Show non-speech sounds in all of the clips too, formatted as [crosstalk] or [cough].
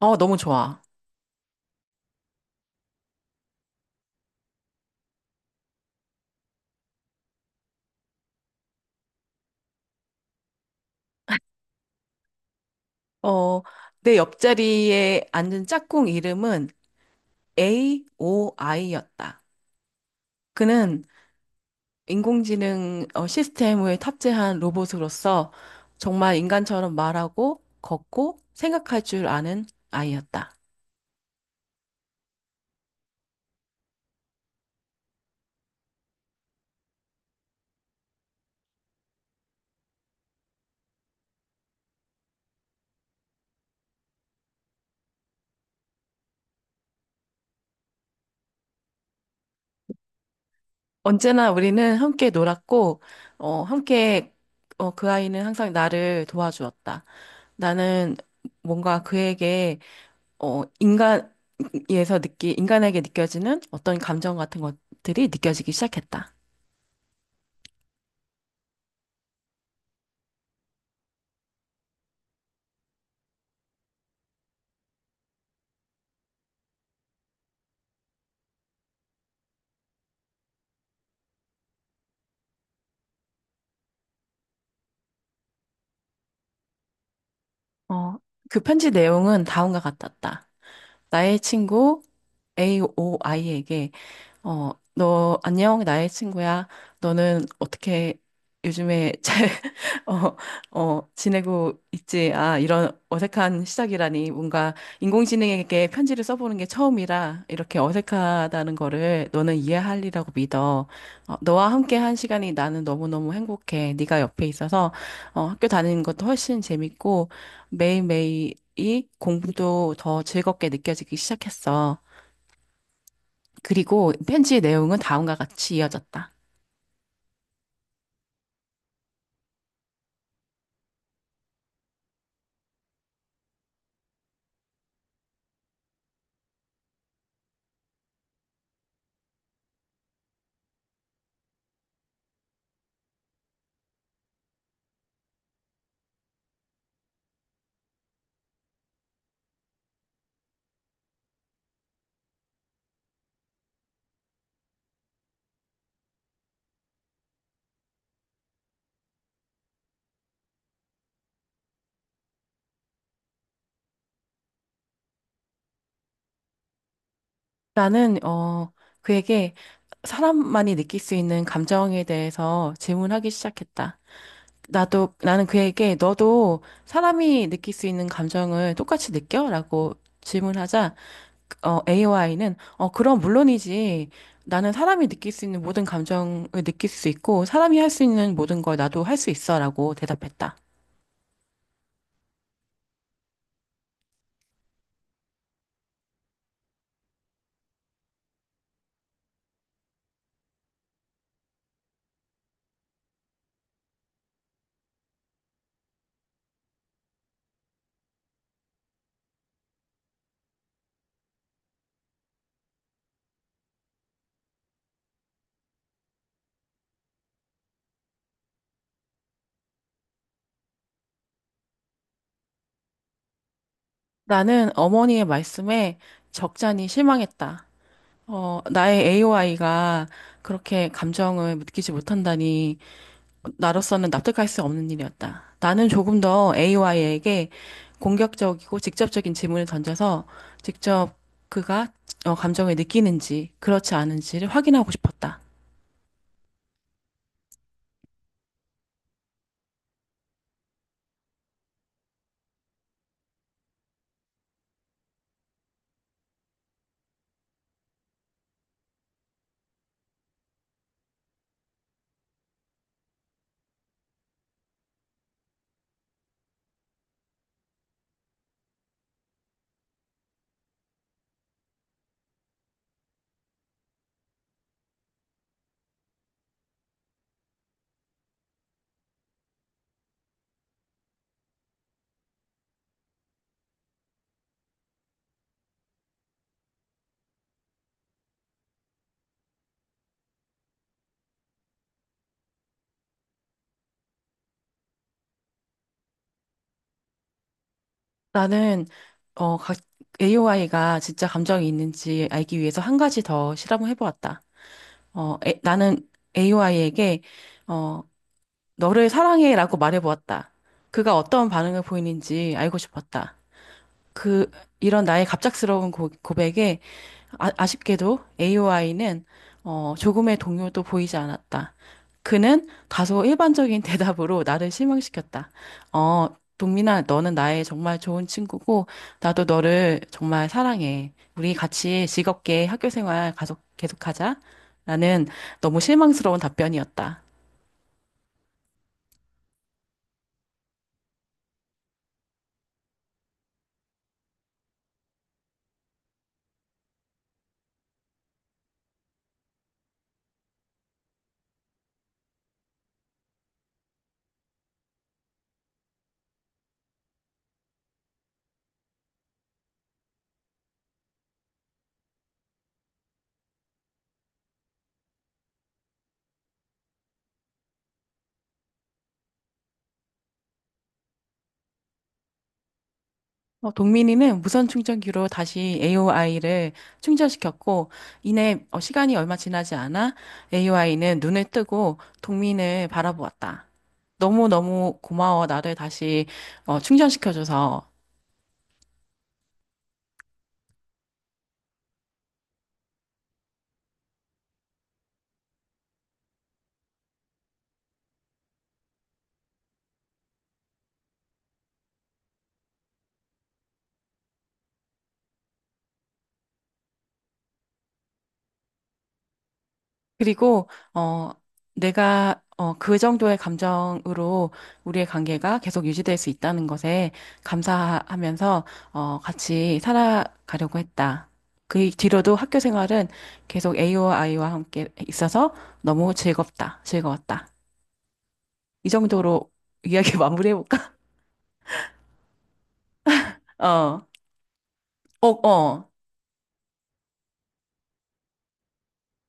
어, 너무 좋아. 어, 내 옆자리에 앉은 짝꿍 이름은 AOI였다. 그는 인공지능 시스템을 탑재한 로봇으로서 정말 인간처럼 말하고 걷고 생각할 줄 아는 아이였다. 언제나 우리는 함께 놀았고, 함께 그 아이는 항상 나를 도와주었다. 나는 뭔가 그에게 인간에게 느껴지는 어떤 감정 같은 것들이 느껴지기 시작했다. 어, 그 편지 내용은 다음과 같았다. 나의 친구 AOI에게. 너 안녕, 나의 친구야. 너는 어떻게 요즘에 [laughs] 잘 어, 지내고 있지? 아, 이런 어색한 시작이라니. 뭔가 인공지능에게 편지를 써보는 게 처음이라 이렇게 어색하다는 거를 너는 이해할리라고 믿어. 너와 함께 한 시간이 나는 너무너무 행복해. 네가 옆에 있어서 학교 다니는 것도 훨씬 재밌고 매일매일이 공부도 더 즐겁게 느껴지기 시작했어. 그리고 편지의 내용은 다음과 같이 이어졌다. 나는, 어, 그에게 사람만이 느낄 수 있는 감정에 대해서 질문하기 시작했다. 나는 그에게 너도 사람이 느낄 수 있는 감정을 똑같이 느껴? 라고 질문하자, AY는, 그럼 물론이지. 나는 사람이 느낄 수 있는 모든 감정을 느낄 수 있고, 사람이 할 수 있는 모든 걸 나도 할 수 있어. 라고 대답했다. 나는 어머니의 말씀에 적잖이 실망했다. 나의 AOI가 그렇게 감정을 느끼지 못한다니, 나로서는 납득할 수 없는 일이었다. 나는 조금 더 AOI에게 공격적이고 직접적인 질문을 던져서 직접 그가 감정을 느끼는지, 그렇지 않은지를 확인하고 싶었다. 나는 어, AOI가 진짜 감정이 있는지 알기 위해서 한 가지 더 실험을 해보았다. 나는 AI 에게 어, 너를 사랑해라고 말해보았다. 그가 어떤 반응을 보이는지 알고 싶었다. 그 이런 나의 갑작스러운 백에, 아, 아쉽게도 AOI는 조금의 동요도 보이지 않았다. 그는 다소 일반적인 [laughs] 대답으로 나를 실망시켰다. 어, 동민아, 너는 나의 정말 좋은 친구고, 나도 너를 정말 사랑해. 우리 같이 즐겁게 학교 생활 계속하자. 라는 너무 실망스러운 답변이었다. 동민이는 무선 충전기로 다시 AOI를 충전시켰고, 이내 시간이 얼마 지나지 않아 AOI는 눈을 뜨고 동민을 바라보았다. 너무너무 고마워. 나를 다시 충전시켜줘서. 그리고 어 내가 그 정도의 감정으로 우리의 관계가 계속 유지될 수 있다는 것에 감사하면서 같이 살아가려고 했다. 그 뒤로도 학교 생활은 계속 A와 I와 함께 있어서 너무 즐겁다. 즐거웠다. 이 정도로 이야기 [laughs] 마무리해볼까? 어. 어, 어.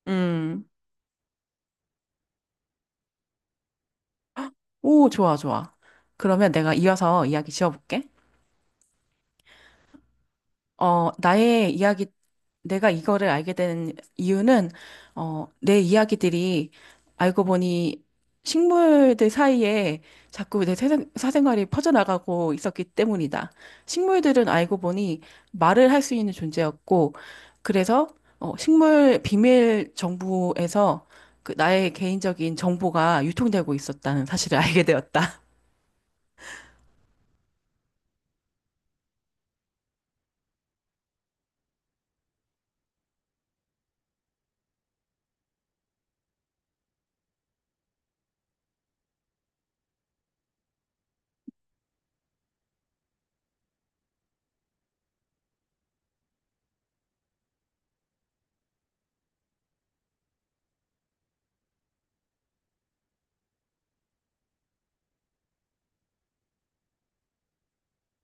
음. 오, 좋아, 좋아. 그러면 내가 이어서 이야기 지어볼게. 어, 나의 이야기, 내가 이거를 알게 된 이유는, 내 이야기들이 알고 보니 식물들 사이에 자꾸 내 사생활이 퍼져나가고 있었기 때문이다. 식물들은 알고 보니 말을 할 수 있는 존재였고, 그래서 식물 비밀 정보에서 그 나의 개인적인 정보가 유통되고 있었다는 사실을 [laughs] 알게 되었다.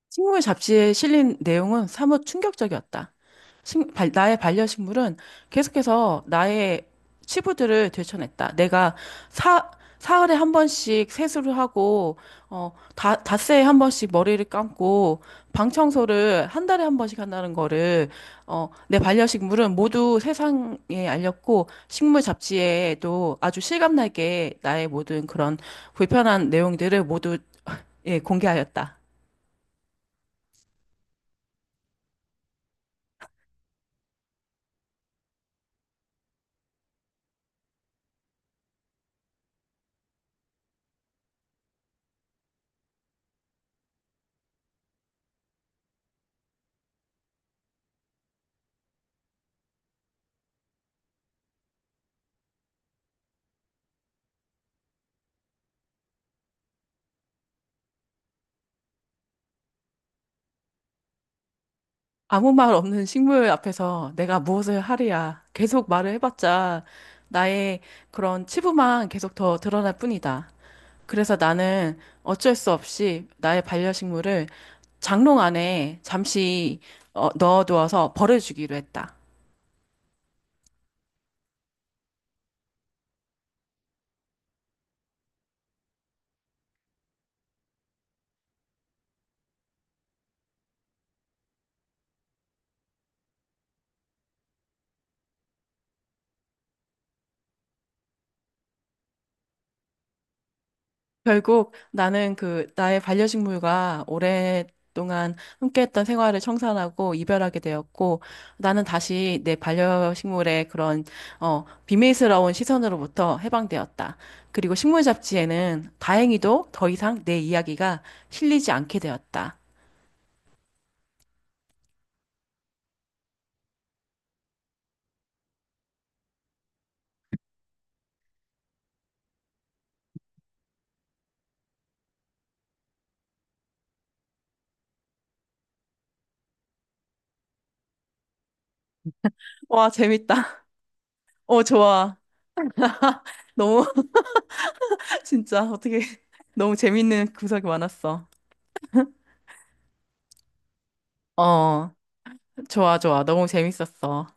식물 잡지에 실린 내용은 사뭇 충격적이었다. 나의 반려식물은 계속해서 나의 치부들을 되쳐냈다. 내가 사, 사흘에 한 번씩 세수를 하고, 닷새에 한 번씩 머리를 감고, 방 청소를 한 달에 한 번씩 한다는 거를, 내 반려식물은 모두 세상에 알렸고, 식물 잡지에도 아주 실감나게 나의 모든 그런 불편한 내용들을 모두, 예, 공개하였다. 아무 말 없는 식물 앞에서 내가 무엇을 하랴. 계속 말을 해봤자 나의 그런 치부만 계속 더 드러날 뿐이다. 그래서 나는 어쩔 수 없이 나의 반려식물을 장롱 안에 잠시 넣어두어서 버려주기로 했다. 결국 나는 그 나의 반려식물과 오랫동안 함께했던 생활을 청산하고 이별하게 되었고, 나는 다시 내 반려식물의 그런 비밀스러운 시선으로부터 해방되었다. 그리고 식물 잡지에는 다행히도 더 이상 내 이야기가 실리지 않게 되었다. 와, 재밌다. [laughs] 어, 좋아. [laughs] 너무 [laughs] 진짜 어떻게 [laughs] 너무 재밌는 구석이 많았어. 어, 좋아, 좋아. 너무 재밌었어.